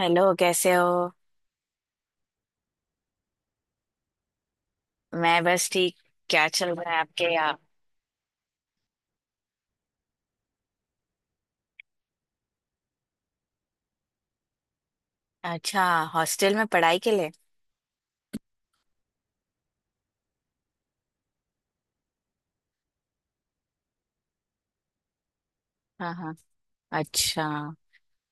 Hello, कैसे हो। मैं बस ठीक। क्या चल रहा है आपके यहाँ। अच्छा। हॉस्टल में पढ़ाई के लिए। हाँ हाँ। अच्छा।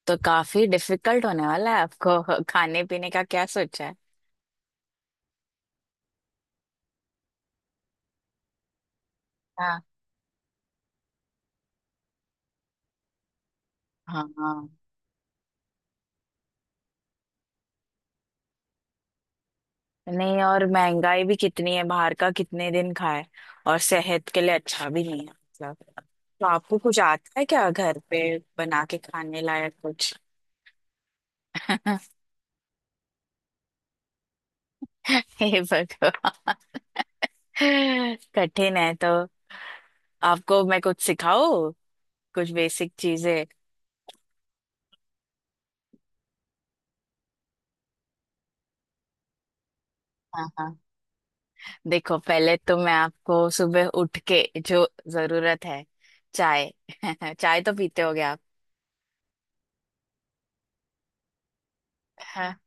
तो काफी डिफिकल्ट होने वाला है आपको। खाने पीने का क्या सोचा है। हाँ हाँ हाँ। नहीं, और महंगाई भी कितनी है, बाहर का कितने दिन खाए। और सेहत के लिए अच्छा भी नहीं है मतलब। तो आपको कुछ आता है क्या घर पे, बना के खाने लायक कुछ। हे भगवान। कठिन है तो। आपको मैं कुछ सिखाओ, कुछ बेसिक चीजें। हाँ हाँ। देखो, पहले तो मैं आपको सुबह उठ के जो जरूरत है, चाय। चाय तो पीते होगे आप। हाँ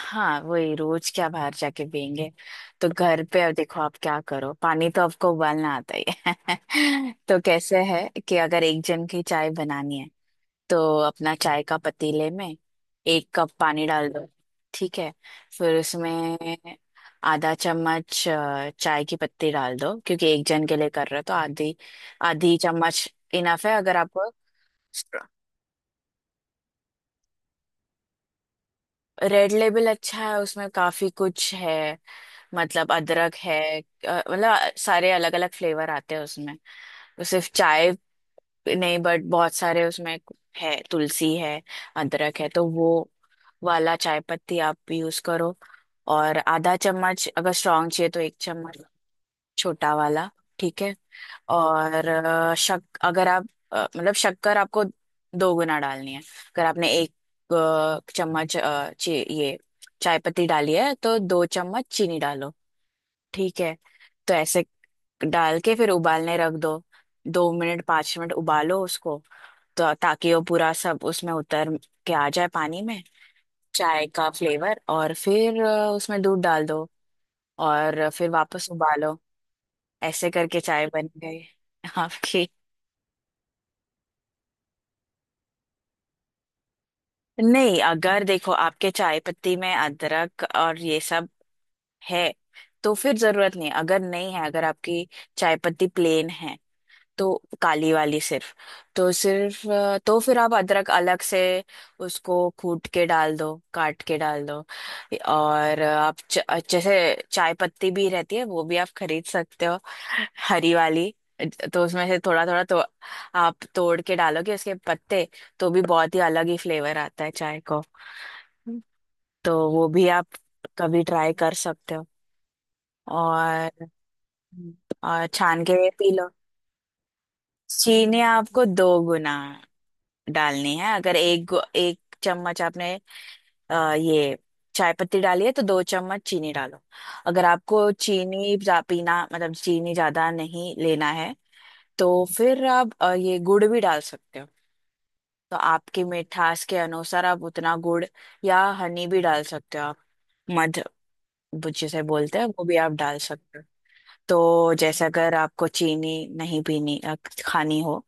हाँ, वही, रोज क्या बाहर जाके पियेंगे। तो घर पे अब देखो आप क्या करो, पानी तो आपको उबालना आता ही है। तो कैसे है कि अगर एक जन की चाय बनानी है तो अपना चाय का पतीले में 1 कप पानी डाल दो। ठीक है। फिर उसमें आधा चम्मच चाय की पत्ती डाल दो, क्योंकि एक जन के लिए कर रहे हो तो आधी। आधी चम्मच इनफ है अगर आपको। रेड लेबल अच्छा है, उसमें काफी कुछ है। मतलब अदरक है, मतलब सारे अलग अलग फ्लेवर आते हैं उसमें। तो सिर्फ चाय नहीं, बट बहुत सारे उसमें है, तुलसी है, अदरक है। तो वो वाला चाय पत्ती आप भी यूज करो। और आधा चम्मच, अगर स्ट्रांग चाहिए तो 1 चम्मच, छोटा वाला। ठीक है। और शक अगर आप, मतलब शक्कर आपको दो गुना डालनी है, अगर आपने एक चम्मच ये चाय पत्ती डाली है तो 2 चम्मच चीनी डालो। ठीक है। तो ऐसे डाल के फिर उबालने रख दो। 2-5 मिनट उबालो उसको, तो ताकि वो पूरा सब उसमें उतर के आ जाए पानी में, चाय का फ्लेवर। और फिर उसमें दूध डाल दो और फिर वापस उबालो। ऐसे करके चाय बन गई आपकी। नहीं, अगर देखो आपके चाय पत्ती में अदरक और ये सब है तो फिर जरूरत नहीं। अगर नहीं है, अगर आपकी चाय पत्ती प्लेन है, तो काली वाली सिर्फ, तो सिर्फ तो फिर आप अदरक अलग से उसको कूट के डाल दो, काट के डाल दो। और जैसे चाय पत्ती भी रहती है वो भी आप खरीद सकते हो, हरी वाली। तो उसमें से थोड़ा थोड़ा तो आप तोड़ के डालोगे उसके पत्ते, तो भी बहुत ही अलग ही फ्लेवर आता है चाय को। तो वो भी आप कभी ट्राई कर सकते हो। और और छान के पी लो। चीनी आपको दो गुना डालनी है, अगर एक चम्मच आपने ये चाय पत्ती डाली है तो दो चम्मच चीनी डालो। अगर आपको चीनी पीना, मतलब चीनी ज्यादा नहीं लेना है, तो फिर आप ये गुड़ भी डाल सकते हो। तो आपकी मिठास के अनुसार आप उतना गुड़, या हनी भी डाल सकते हो आप। मध जिसे बोलते हैं, वो भी आप डाल सकते हो। तो जैसे अगर आपको चीनी नहीं पीनी, खानी हो,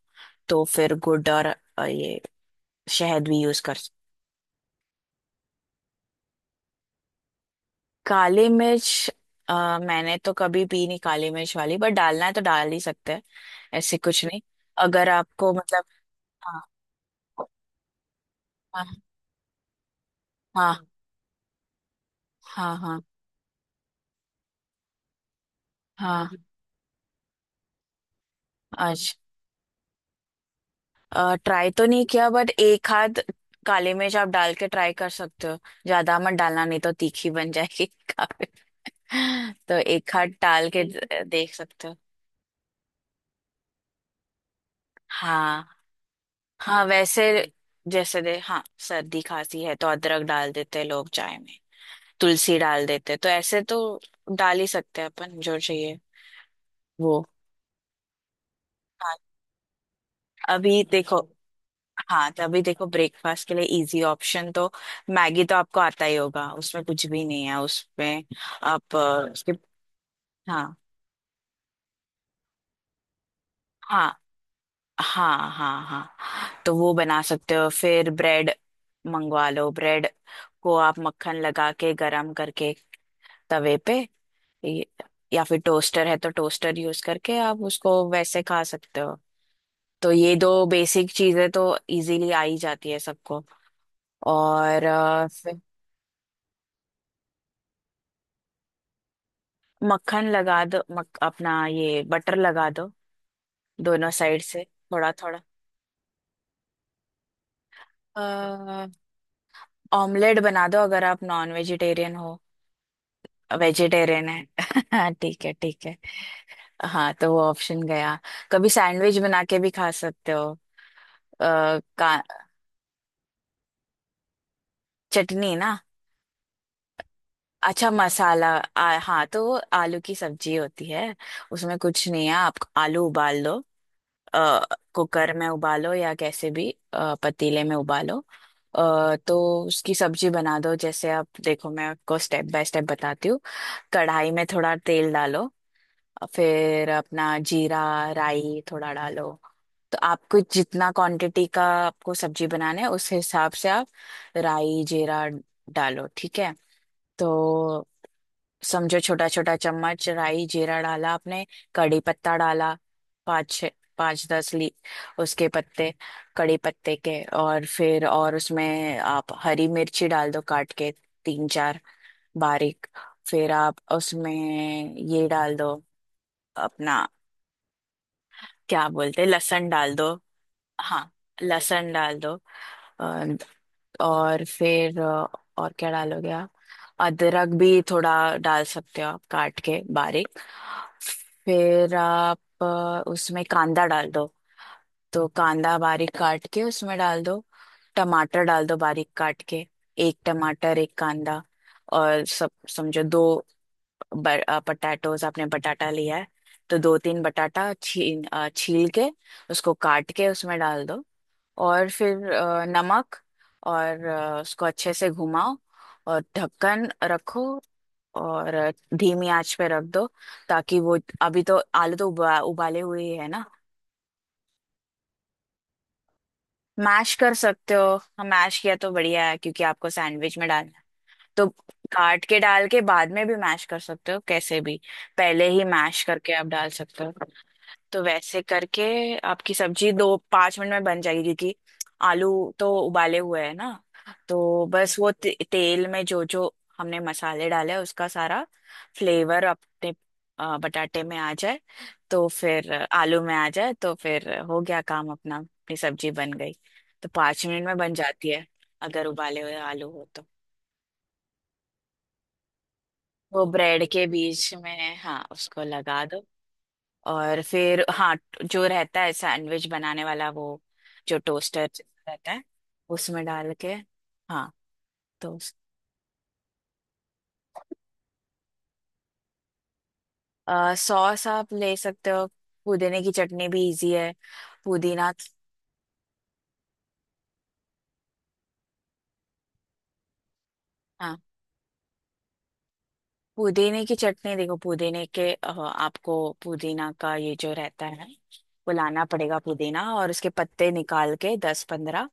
तो फिर गुड़ और ये शहद भी यूज कर। काली मिर्च, मैंने तो कभी पी नहीं काली मिर्च वाली, बट डालना है तो डाल ही सकते हैं, ऐसे कुछ नहीं। अगर आपको मतलब, हाँ हाँ हाँ हाँ हाँ हाँ, अच्छा, ट्राई तो नहीं किया बट एक आध काली मिर्च आप डाल के ट्राई कर सकते हो। ज्यादा मत डालना, नहीं तो तीखी बन जाएगी काफी। तो एक आध डाल के देख सकते हो। हाँ हाँ, वैसे जैसे दे हाँ, सर्दी खांसी है तो अदरक डाल देते हैं लोग चाय में, तुलसी डाल देते, तो ऐसे तो डाल ही सकते हैं अपन जो चाहिए वो। हाँ, अभी देखो। हाँ, तो अभी देखो ब्रेकफास्ट के लिए इजी ऑप्शन तो मैगी तो आपको आता ही होगा, उसमें कुछ भी नहीं है उसमें। आप उसके, हाँ हाँ हाँ हाँ हाँ, तो वो बना सकते हो। फिर ब्रेड मंगवा लो, ब्रेड को आप मक्खन लगा के गरम करके तवे पे, ये- या फिर टोस्टर है तो टोस्टर यूज करके आप उसको वैसे खा सकते हो। तो ये दो बेसिक चीजें तो इजीली आ ही जाती है सबको। और फिर मक्खन लगा दो, अपना ये बटर लगा दो दोनों साइड से, थोड़ा थोड़ा। ऑमलेट बना दो अगर आप नॉन वेजिटेरियन हो। वेजिटेरियन है ठीक है ठीक है। हाँ, तो वो ऑप्शन गया। कभी सैंडविच बना के भी खा सकते हो। आ, का चटनी ना, अच्छा मसाला, हाँ, तो वो आलू की सब्जी होती है, उसमें कुछ नहीं है। आप आलू उबाल लो, कुकर में उबालो या कैसे भी, पतीले में उबालो। तो उसकी सब्जी बना दो। जैसे आप देखो, मैं आपको स्टेप बाय स्टेप बताती हूँ। कढ़ाई में थोड़ा तेल डालो, फिर अपना जीरा राई थोड़ा डालो। तो आपको जितना क्वांटिटी का आपको सब्जी बनाना है उस हिसाब से आप राई जीरा डालो, ठीक है। तो समझो छोटा छोटा चम्मच राई जीरा डाला आपने। कड़ी पत्ता डाला, 5-6, 5-10 ली उसके पत्ते कड़ी पत्ते के। और फिर और उसमें आप हरी मिर्ची डाल दो काट के, 3-4, बारीक। फिर आप उसमें ये डाल दो अपना, क्या बोलते हैं, लहसुन डाल दो। हाँ, लहसुन डाल दो। अ, और फिर, और क्या डालोगे आप, अदरक भी थोड़ा डाल सकते हो आप, काट के बारीक। फिर आप उसमें कांदा डाल दो, तो कांदा बारीक काट के उसमें डाल दो। टमाटर डाल दो बारीक काट के, एक टमाटर एक कांदा। और सब, समझो दो पटाटोज आपने बटाटा लिया है, तो 2-3 बटाटा छील, छील के उसको काट के उसमें डाल दो। और फिर नमक, और उसको अच्छे से घुमाओ, और ढक्कन रखो, और धीमी आंच पे रख दो, ताकि वो अभी, तो आलू तो उबाले हुए ही है ना। मैश कर सकते हो, हम मैश किया तो बढ़िया है क्योंकि आपको सैंडविच में डालना है। तो काट के डाल के बाद में भी मैश कर सकते हो कैसे भी, पहले ही मैश करके आप डाल सकते हो। तो वैसे करके आपकी सब्जी 2-5 मिनट में बन जाएगी, क्योंकि आलू तो उबाले हुए हैं ना। तो बस वो तेल में जो जो हमने मसाले डाले हैं, उसका सारा फ्लेवर अपने बटाटे में आ जाए, तो फिर आलू में आ जाए, तो फिर हो गया काम अपना, अपनी सब्जी बन गई। तो 5 मिनट में बन जाती है अगर उबाले हुए आलू हो तो। वो ब्रेड के बीच में, हाँ, उसको लगा दो, और फिर हाँ, जो रहता है सैंडविच बनाने वाला, वो जो टोस्टर रहता है उसमें डाल के। हाँ, तो सॉस आप ले सकते हो, पुदीने की चटनी भी इजी है। पुदीना, हाँ, पुदीने की चटनी देखो, पुदीने के आपको पुदीना का ये जो रहता है, फुलाना पड़ेगा पुदीना, और उसके पत्ते निकाल के 10-15,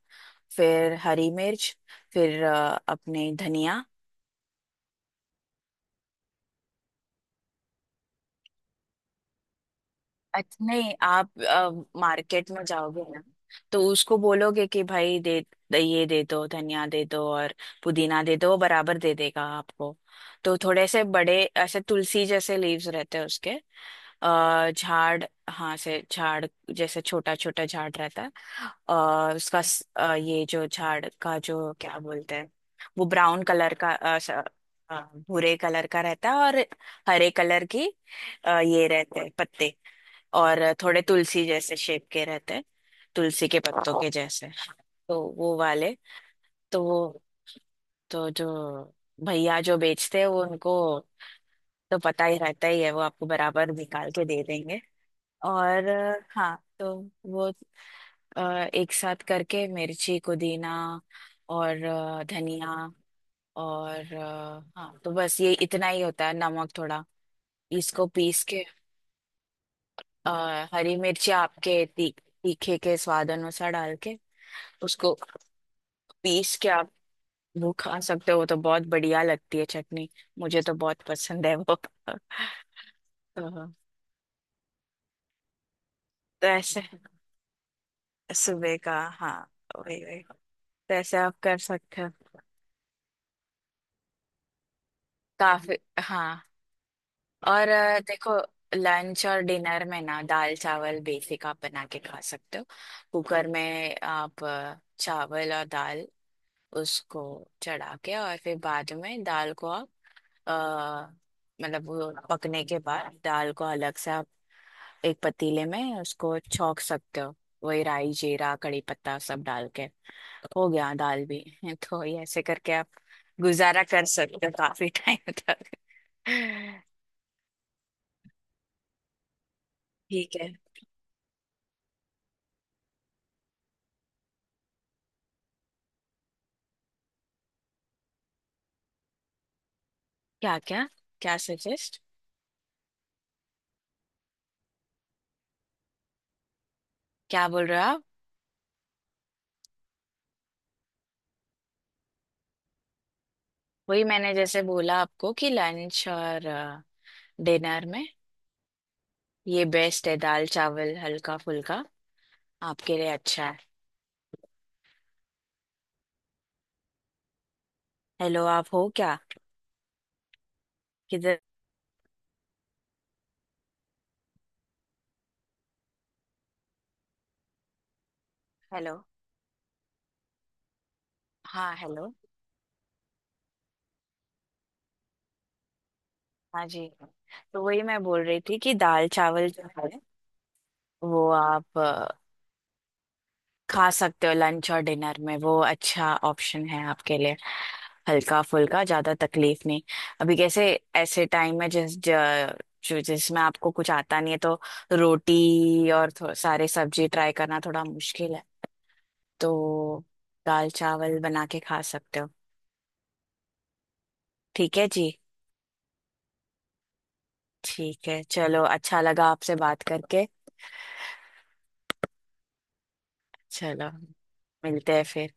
फिर हरी मिर्च, फिर अपने धनिया। अच्छा नहीं, आप मार्केट में जाओगे ना तो उसको बोलोगे कि भाई दे, ये दे दो, धनिया दे दो और पुदीना दे दो, वो बराबर दे देगा आपको। तो थोड़े से बड़े ऐसे तुलसी जैसे लीव्स रहते हैं उसके। झाड़, हाँ, से झाड़ जैसे छोटा छोटा झाड़ रहता है। और उसका ये जो झाड़ का जो, क्या बोलते हैं, वो ब्राउन कलर का, अ, भूरे कलर का रहता है, और हरे कलर की ये रहते हैं पत्ते, और थोड़े तुलसी जैसे शेप के रहते हैं, तुलसी के पत्तों के जैसे। तो वो वाले, तो वो, तो जो भैया जो बेचते हैं, वो उनको तो पता ही रहता ही है, वो आपको बराबर निकाल के दे देंगे। और हाँ, तो वो अ, एक साथ करके मिर्ची पुदीना और धनिया और हाँ, तो बस ये इतना ही होता है, नमक थोड़ा, इसको पीस के। अ, हरी मिर्ची आपके तीखे के स्वाद अनुसार डाल के, उसको पीस के आप वो खा सकते हो, तो बहुत बढ़िया लगती है चटनी। मुझे तो बहुत पसंद है वो। तो तो ऐसे सुबह का, हाँ, वही वही तो, ऐसे आप कर सकते हो, काफी। हाँ, और देखो, लंच और डिनर में ना दाल चावल बेसिक आप बना के खा सकते हो। कुकर में आप चावल और दाल, उसको चढ़ा के, और फिर बाद में दाल को आप, आ, मतलब वो पकने के बाद दाल को अलग से आप एक पतीले में उसको छौंक सकते हो। वही राई जीरा कड़ी पत्ता सब डाल के हो गया दाल भी। तो ये ऐसे करके आप गुजारा कर सकते हो काफी टाइम तक। ठीक है। क्या क्या, क्या सजेस्ट, क्या बोल रहे हो आप। वही मैंने जैसे बोला आपको कि लंच और डिनर में ये बेस्ट है दाल चावल, हल्का फुल्का आपके लिए अच्छा है। हेलो, आप हो क्या, किधर? हेलो। हाँ, हेलो। हाँ जी। तो वही मैं बोल रही थी कि दाल चावल जो है वो आप खा सकते हो लंच और डिनर में, वो अच्छा ऑप्शन है आपके लिए, हल्का फुल्का, ज्यादा तकलीफ नहीं। अभी कैसे, ऐसे टाइम में जो जिसमें आपको कुछ आता नहीं है, तो रोटी और सारे सब्जी ट्राई करना थोड़ा मुश्किल है, तो दाल चावल बना के खा सकते हो। ठीक है जी। ठीक है चलो, अच्छा लगा आपसे बात करके। चलो, मिलते हैं फिर।